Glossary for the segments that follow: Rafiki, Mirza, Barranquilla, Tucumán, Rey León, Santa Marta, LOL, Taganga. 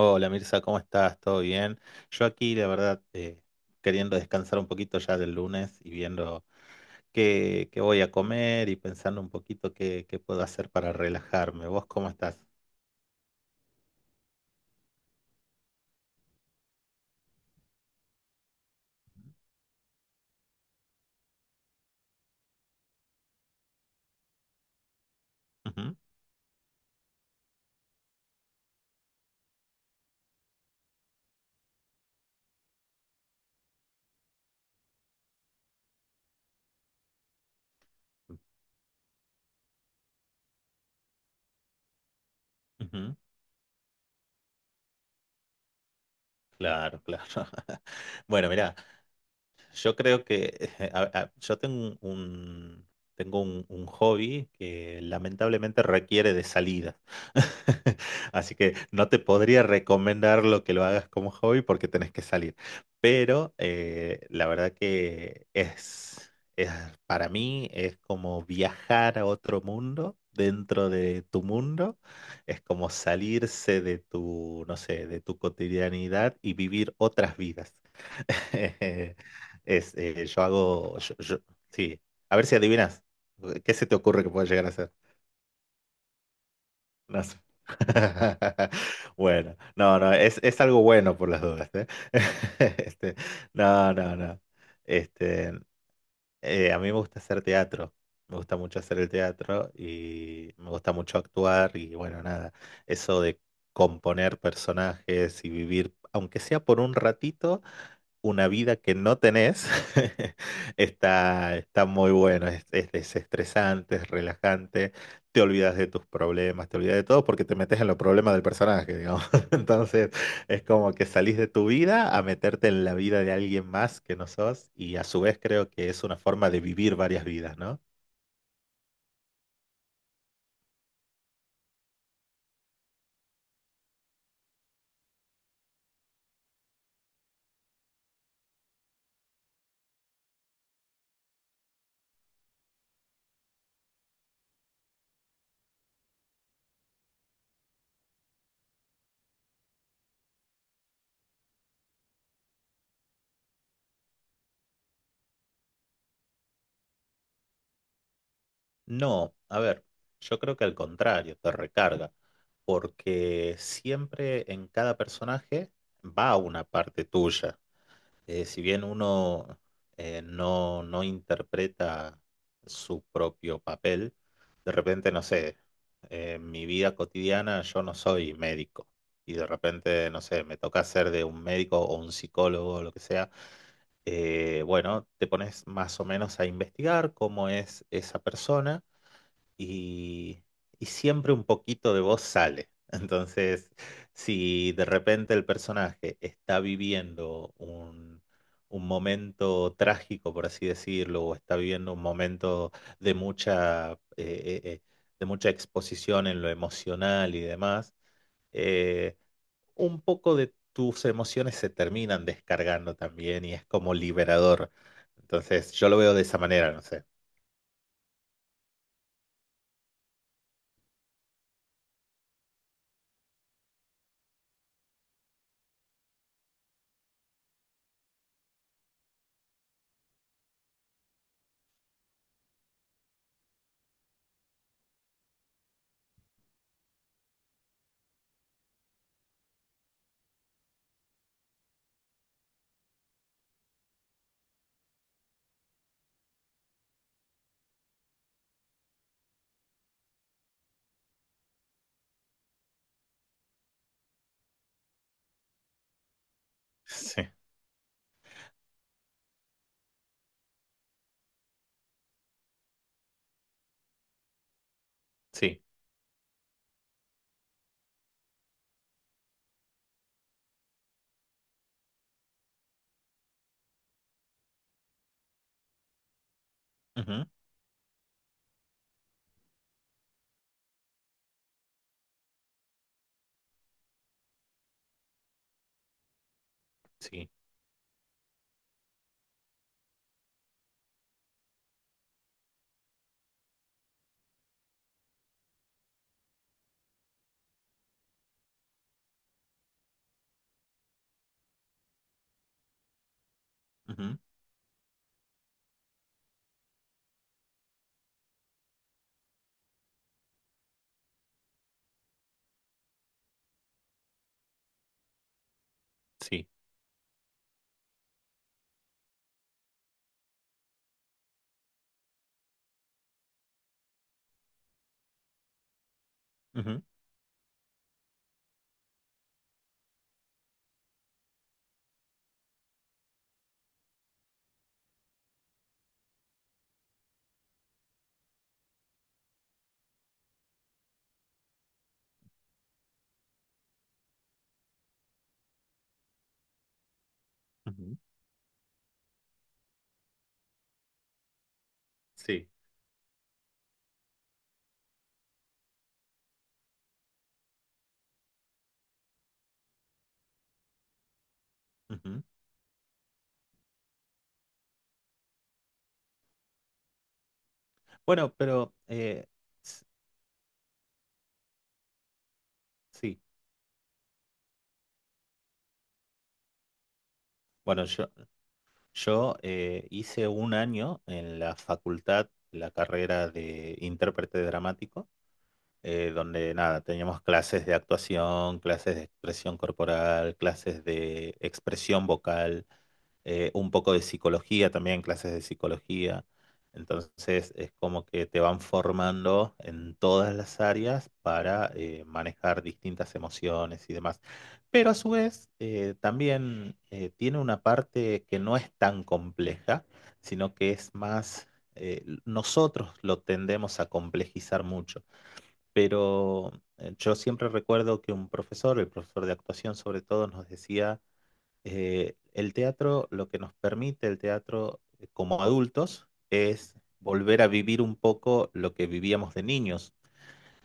Hola Mirza, ¿cómo estás? ¿Todo bien? Yo aquí, la verdad, queriendo descansar un poquito ya del lunes y viendo qué voy a comer y pensando un poquito qué puedo hacer para relajarme. ¿Vos cómo estás? Ujú, ujú. Claro, claro. Bueno, mirá, yo creo que yo tengo un, un hobby que lamentablemente requiere de salida. Así que no te podría recomendar lo que lo hagas como hobby porque tenés que salir. Pero la verdad que es, para mí, es como viajar a otro mundo, dentro de tu mundo, es como salirse de tu, no sé, de tu cotidianidad y vivir otras vidas. Es, yo hago, yo- yo- Sí, a ver si adivinas. ¿Qué se te ocurre que pueda llegar a ser? No sé. Bueno, no, no, es, algo bueno por las dudas, ¿eh? Este, no, no, no. Este, a mí me gusta hacer teatro. Me gusta mucho hacer el teatro y me gusta mucho actuar y bueno, nada, eso de componer personajes y vivir, aunque sea por un ratito, una vida que no tenés, está muy bueno, es desestresante, es relajante, te olvidas de tus problemas, te olvidas de todo porque te metes en los problemas del personaje, digamos. Entonces es como que salís de tu vida a meterte en la vida de alguien más que no sos y, a su vez, creo que es una forma de vivir varias vidas, ¿no? No, a ver, yo creo que al contrario, te recarga, porque siempre en cada personaje va una parte tuya. Si bien uno no, no interpreta su propio papel, de repente, no sé, en mi vida cotidiana yo no soy médico y de repente, no sé, me toca ser de un médico o un psicólogo o lo que sea, bueno, te pones más o menos a investigar cómo es esa persona y, siempre un poquito de vos sale. Entonces, si de repente el personaje está viviendo un, momento trágico, por así decirlo, o está viviendo un momento de mucha, eh, eh, eh, de mucha exposición en lo emocional y demás, eh, un poco de tus emociones se terminan descargando también y es como liberador. Entonces, yo lo veo de esa manera, no sé. Sí, sí. Ujú, sí. Ujú. Sí. Ujú, ujú, sí. Ujú. Bueno, pero s- sí. Bueno, yo, hice un año en la facultad, la carrera de intérprete dramático, donde nada, teníamos clases de actuación, clases de expresión corporal, clases de expresión vocal. Un poco de psicología también, clases de psicología. Entonces es como que te van formando en todas las áreas para manejar distintas emociones y demás. Pero, a su vez, también tiene una parte que no es tan compleja, sino que es más, nosotros lo tendemos a complejizar mucho. Pero yo siempre recuerdo que un profesor, el profesor de actuación sobre todo, nos decía el teatro, lo que nos permite el teatro como adultos, es volver a vivir un poco lo que vivíamos de niños.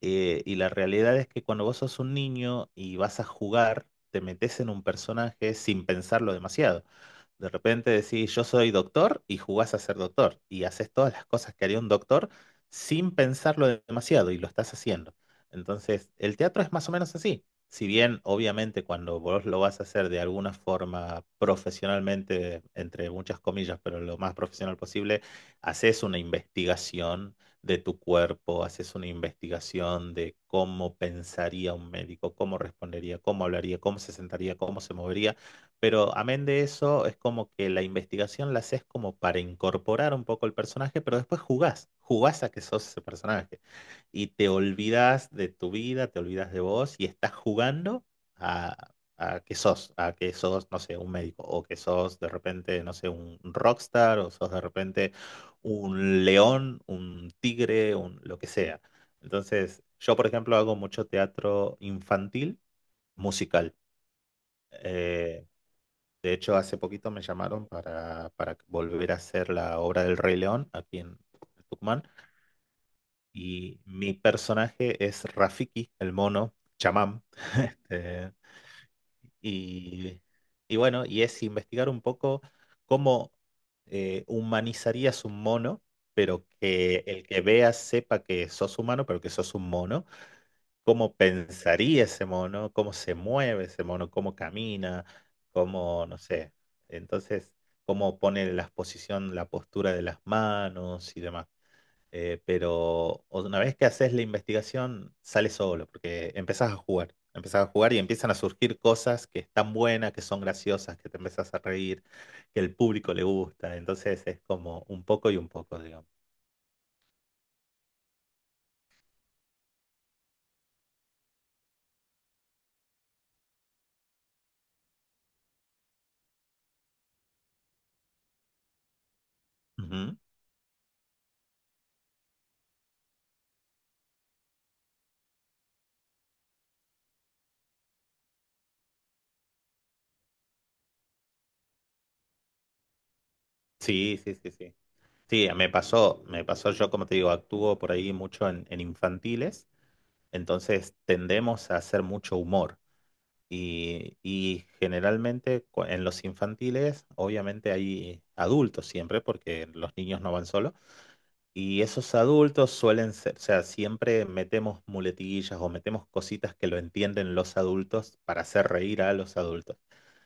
Y la realidad es que cuando vos sos un niño y vas a jugar, te metes en un personaje sin pensarlo demasiado. De repente decís, yo soy doctor, y jugás a ser doctor y haces todas las cosas que haría un doctor sin pensarlo demasiado, y lo estás haciendo. Entonces, el teatro es más o menos así. Si bien, obviamente, cuando vos lo vas a hacer de alguna forma profesionalmente, entre muchas comillas, pero lo más profesional posible, haces una investigación de tu cuerpo, haces una investigación de cómo pensaría un médico, cómo respondería, cómo hablaría, cómo se sentaría, cómo se movería, pero, amén de eso, es como que la investigación la haces como para incorporar un poco el personaje, pero después jugás, jugás a que sos ese personaje. Y te olvidas de tu vida, te olvidas de vos y estás jugando a, que sos, no sé, un médico, o que sos de repente, no sé, un rockstar, o sos de repente un león, un tigre, un, lo que sea. Entonces, yo, por ejemplo, hago mucho teatro infantil, musical. Eh, de hecho, hace poquito me llamaron para, volver a hacer la obra del Rey León aquí en Tucumán. Y mi personaje es Rafiki, el mono, chamán. Este, y, bueno, y es investigar un poco cómo humanizarías un mono, pero que el que vea sepa que sos humano, pero que sos un mono. Cómo pensaría ese mono, cómo se mueve ese mono, cómo camina, cómo, no sé, entonces, cómo pone la posición, la postura de las manos y demás. Pero una vez que haces la investigación, sale solo, porque empezás a jugar, empezás a jugar, y empiezan a surgir cosas que están buenas, que son graciosas, que te empezás a reír, que el público le gusta; entonces es como un poco y un poco, digamos. Ujú. Sí, sí, sí, sí. Sí, me pasó, yo, como te digo, actúo por ahí mucho en, infantiles, entonces tendemos a hacer mucho humor y, generalmente en los infantiles obviamente hay adultos siempre, porque los niños no van solos, y esos adultos suelen ser, o sea, siempre metemos muletillas o metemos cositas que lo entienden los adultos, para hacer reír a los adultos.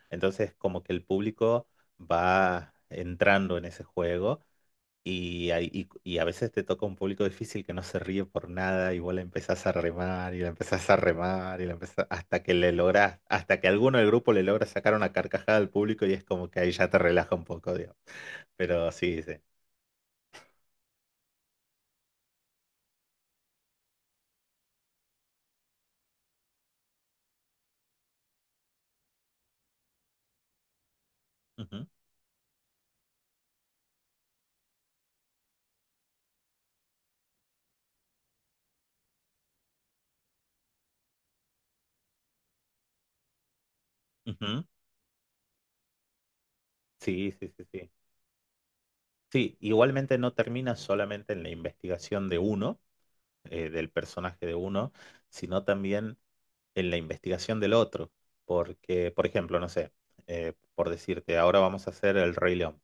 Entonces, como que el público va entrando en ese juego. Y a veces te toca un público difícil que no se ríe por nada, y vos la empezás a remar y la empezás a remar y la empezás hasta que le logras, hasta que alguno del grupo le logra sacar una carcajada al público, y es como que ahí ya te relaja un poco, digamos. Pero sí, sí. Ujú, ujú. Sí, sí, sí, sí. Sí, igualmente no termina solamente en la investigación de uno, del personaje de uno, sino también en la investigación del otro. Porque, por ejemplo, no sé, por decirte, ahora vamos a hacer el Rey León.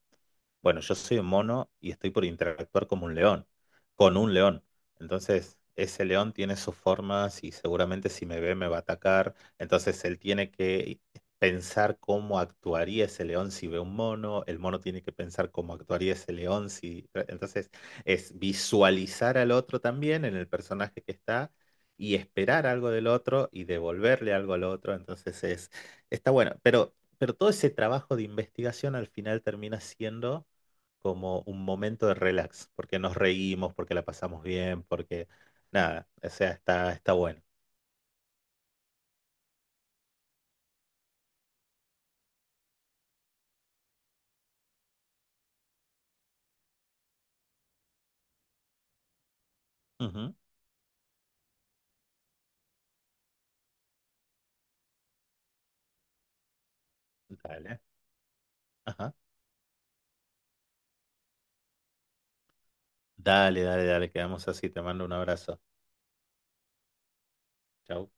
Bueno, yo soy un mono y estoy por interactuar como un león, con un león. Entonces, ese león tiene sus formas y seguramente, si me ve, me va a atacar. Entonces, él tiene que pensar cómo actuaría ese león si ve un mono. El mono tiene que pensar cómo actuaría ese león si... Entonces, es visualizar al otro también en el personaje que está y esperar algo del otro y devolverle algo al otro. Entonces, es... está bueno, pero... Pero todo ese trabajo de investigación al final termina siendo como un momento de relax, porque nos reímos, porque la pasamos bien, porque nada, o sea, está bueno. Ujú. Dale. Ajá. Dale, dale, dale, quedamos así. Te mando un abrazo. Chau.